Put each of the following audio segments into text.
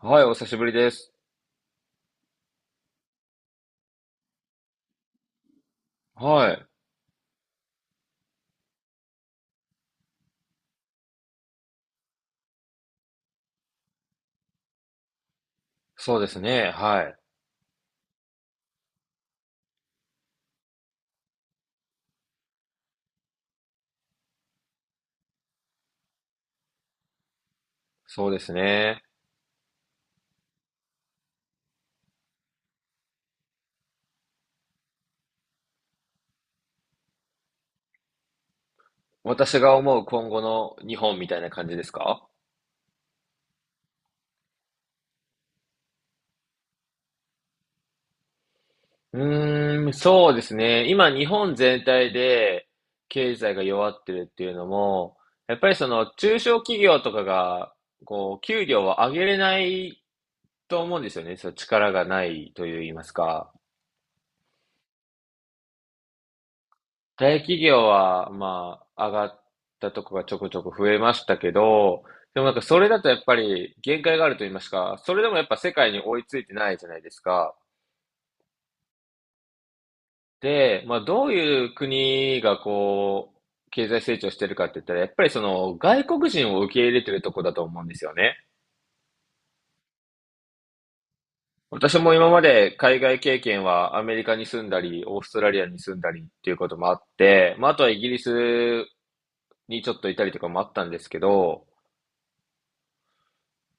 はい、お久しぶりです。はい。そうですね。はい。そうですね。私が思う今後の日本みたいな感じですか？うーん、そうですね。今、日本全体で経済が弱ってるっていうのも、やっぱりその中小企業とかが、こう、給料を上げれないと思うんですよね。そう、力がないと言いますか。大企業は、まあ、上がったとこがちょこちょこ増えましたけど、でもなんかそれだとやっぱり限界があると言いますか、それでもやっぱ世界に追いついてないじゃないですか。で、まあどういう国がこう、経済成長してるかって言ったら、やっぱりその外国人を受け入れてるとこだと思うんですよね。私も今まで海外経験はアメリカに住んだり、オーストラリアに住んだりっていうこともあって、まああとはイギリスにちょっといたりとかもあったんですけど、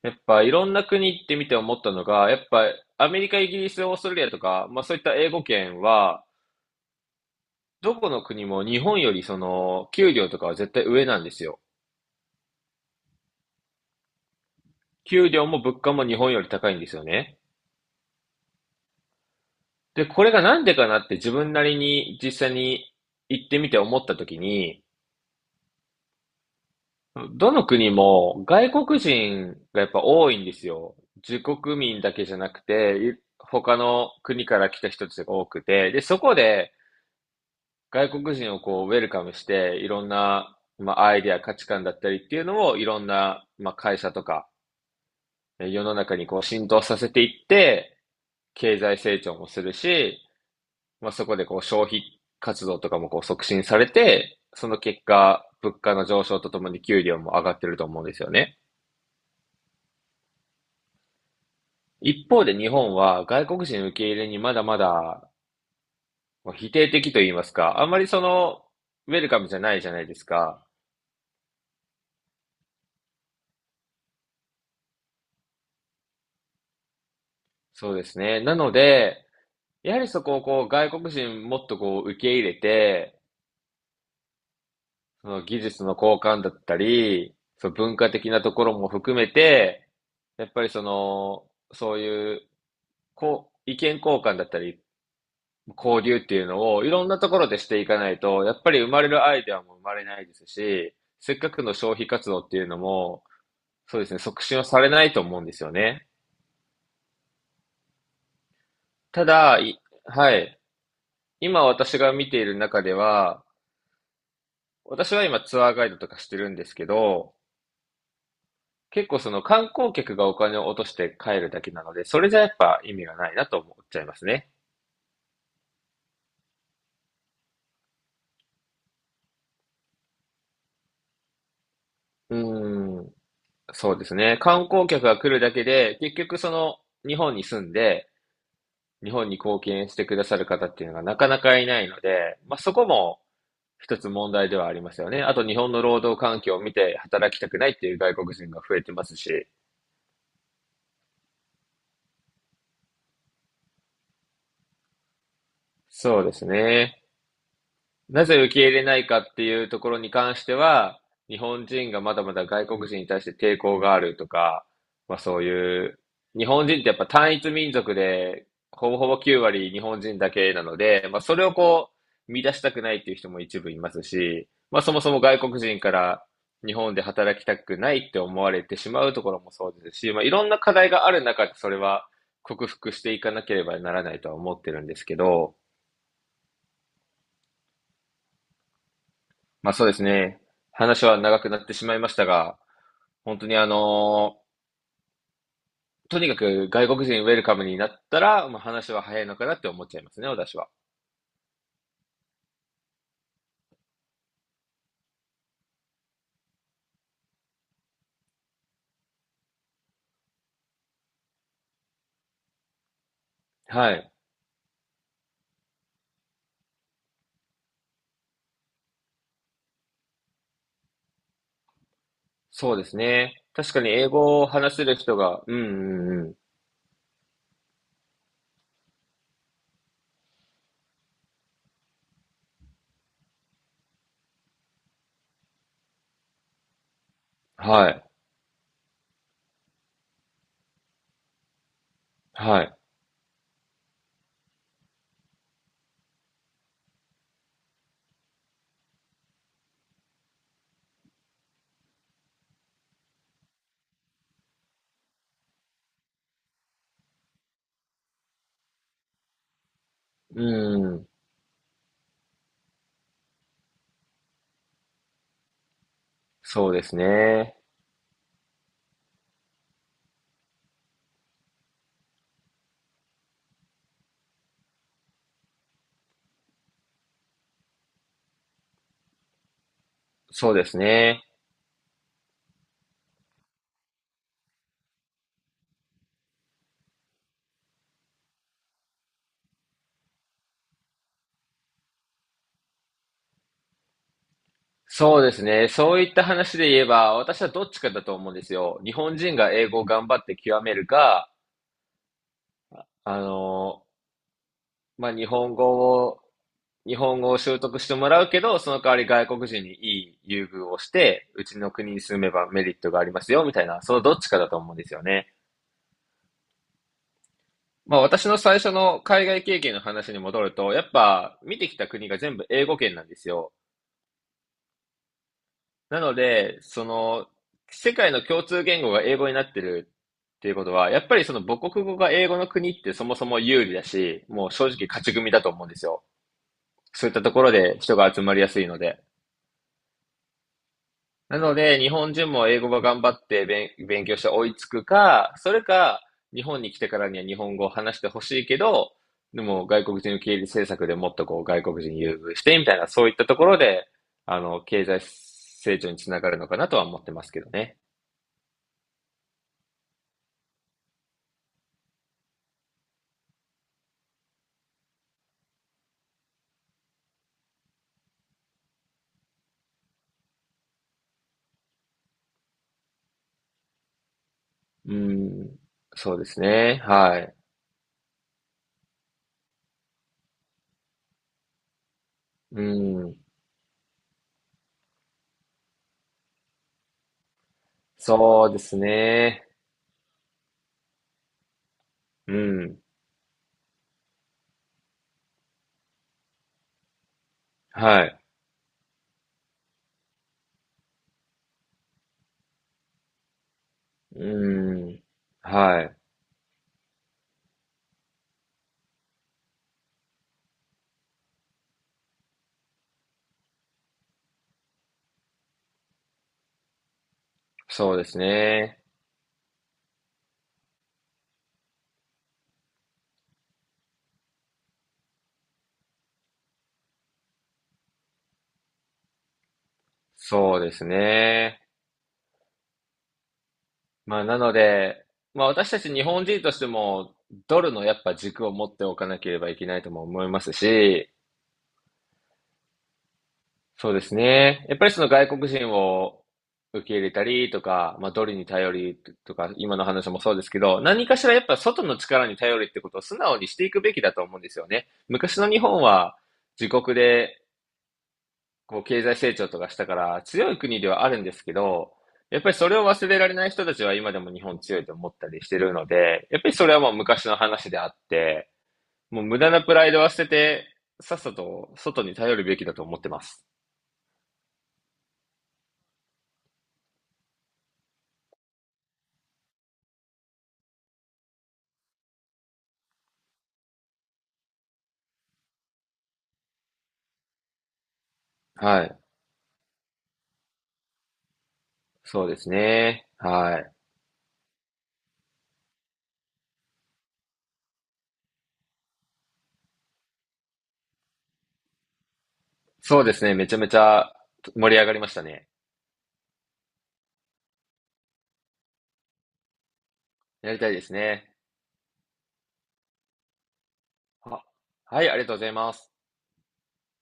やっぱいろんな国行ってみて思ったのが、やっぱアメリカ、イギリス、オーストラリアとか、まあそういった英語圏は、どこの国も日本よりその給料とかは絶対上なんですよ。給料も物価も日本より高いんですよね。で、これがなんでかなって自分なりに実際に行ってみて思った時に、どの国も外国人がやっぱ多いんですよ。自国民だけじゃなくて、他の国から来た人たちが多くて、で、そこで、外国人をこう、ウェルカムして、いろんな、まあ、アイデア、価値観だったりっていうのを、いろんな、まあ、会社とか、世の中にこう、浸透させていって、経済成長もするし、まあ、そこでこう、消費活動とかもこう、促進されて、その結果、物価の上昇とともに給料も上がってると思うんですよね。一方で日本は外国人受け入れにまだまだまあ否定的と言いますか、あんまりその、ウェルカムじゃないじゃないですか。そうですね。なので、やはりそこをこう外国人もっとこう受け入れて、その技術の交換だったり、その文化的なところも含めて、やっぱりその、そういうこう意見交換だったり、交流っていうのをいろんなところでしていかないと、やっぱり生まれるアイデアも生まれないですし、せっかくの消費活動っていうのも、そうですね、促進はされないと思うんですよね。ただ、はい。今私が見ている中では、私は今ツアーガイドとかしてるんですけど、結構その観光客がお金を落として帰るだけなので、それじゃやっぱ意味がないなと思っちゃいますね。うーん、そうですね。観光客が来るだけで、結局その日本に住んで、日本に貢献してくださる方っていうのがなかなかいないので、まあそこも一つ問題ではありますよね。あと日本の労働環境を見て働きたくないっていう外国人が増えてますし。そうですね。なぜ受け入れないかっていうところに関しては、日本人がまだまだ外国人に対して抵抗があるとか、まあそういう、日本人ってやっぱ単一民族で、ほぼほぼ9割日本人だけなので、まあそれをこう、乱したくないっていう人も一部いますし、まあそもそも外国人から日本で働きたくないって思われてしまうところもそうですし、まあいろんな課題がある中でそれは克服していかなければならないとは思ってるんですけど、まあそうですね。話は長くなってしまいましたが、本当にとにかく外国人ウェルカムになったら、まあ、話は早いのかなって思っちゃいますね、私は。はい。そうですね。確かに英語を話せる人が、うんうんうん。はい。はい。うん。そうですね。そうですね。そうですね。そういった話で言えば、私はどっちかだと思うんですよ。日本人が英語を頑張って極めるか、あのまあ、日本語を習得してもらうけど、その代わり外国人にいい優遇をして、うちの国に住めばメリットがありますよ、みたいな、そのどっちかだと思うんですよね。まあ私の最初の海外経験の話に戻ると、やっぱ見てきた国が全部英語圏なんですよ。なので、その、世界の共通言語が英語になってるっていうことは、やっぱりその母国語が英語の国ってそもそも有利だし、もう正直勝ち組だと思うんですよ。そういったところで人が集まりやすいので。なので、日本人も英語が頑張って勉強して追いつくか、それか、日本に来てからには日本語を話してほしいけど、でも外国人受け入れ政策でもっとこう外国人優遇してみたいな、そういったところで、経済成長につながるのかなとは思ってますけどね。うん、そうですね。はい。うん、そうですね。うん、はい。うん、はい。そうですね。そうですね。まあ、なので、まあ、私たち日本人としても、ドルのやっぱ軸を持っておかなければいけないとも思いますし、そうですね。やっぱりその外国人を受け入れたりとか、まあ、ドルに頼りとか、今の話もそうですけど、何かしらやっぱ外の力に頼りってことを素直にしていくべきだと思うんですよね。昔の日本は自国でこう経済成長とかしたから強い国ではあるんですけど、やっぱりそれを忘れられない人たちは今でも日本強いと思ったりしてるので、やっぱりそれはもう昔の話であって、もう無駄なプライドは捨てて、さっさと外に頼るべきだと思ってます。はい。そうですね。はい。そうですね。めちゃめちゃ盛り上がりましたね。やりたいですね。は、はい、ありがとうございます。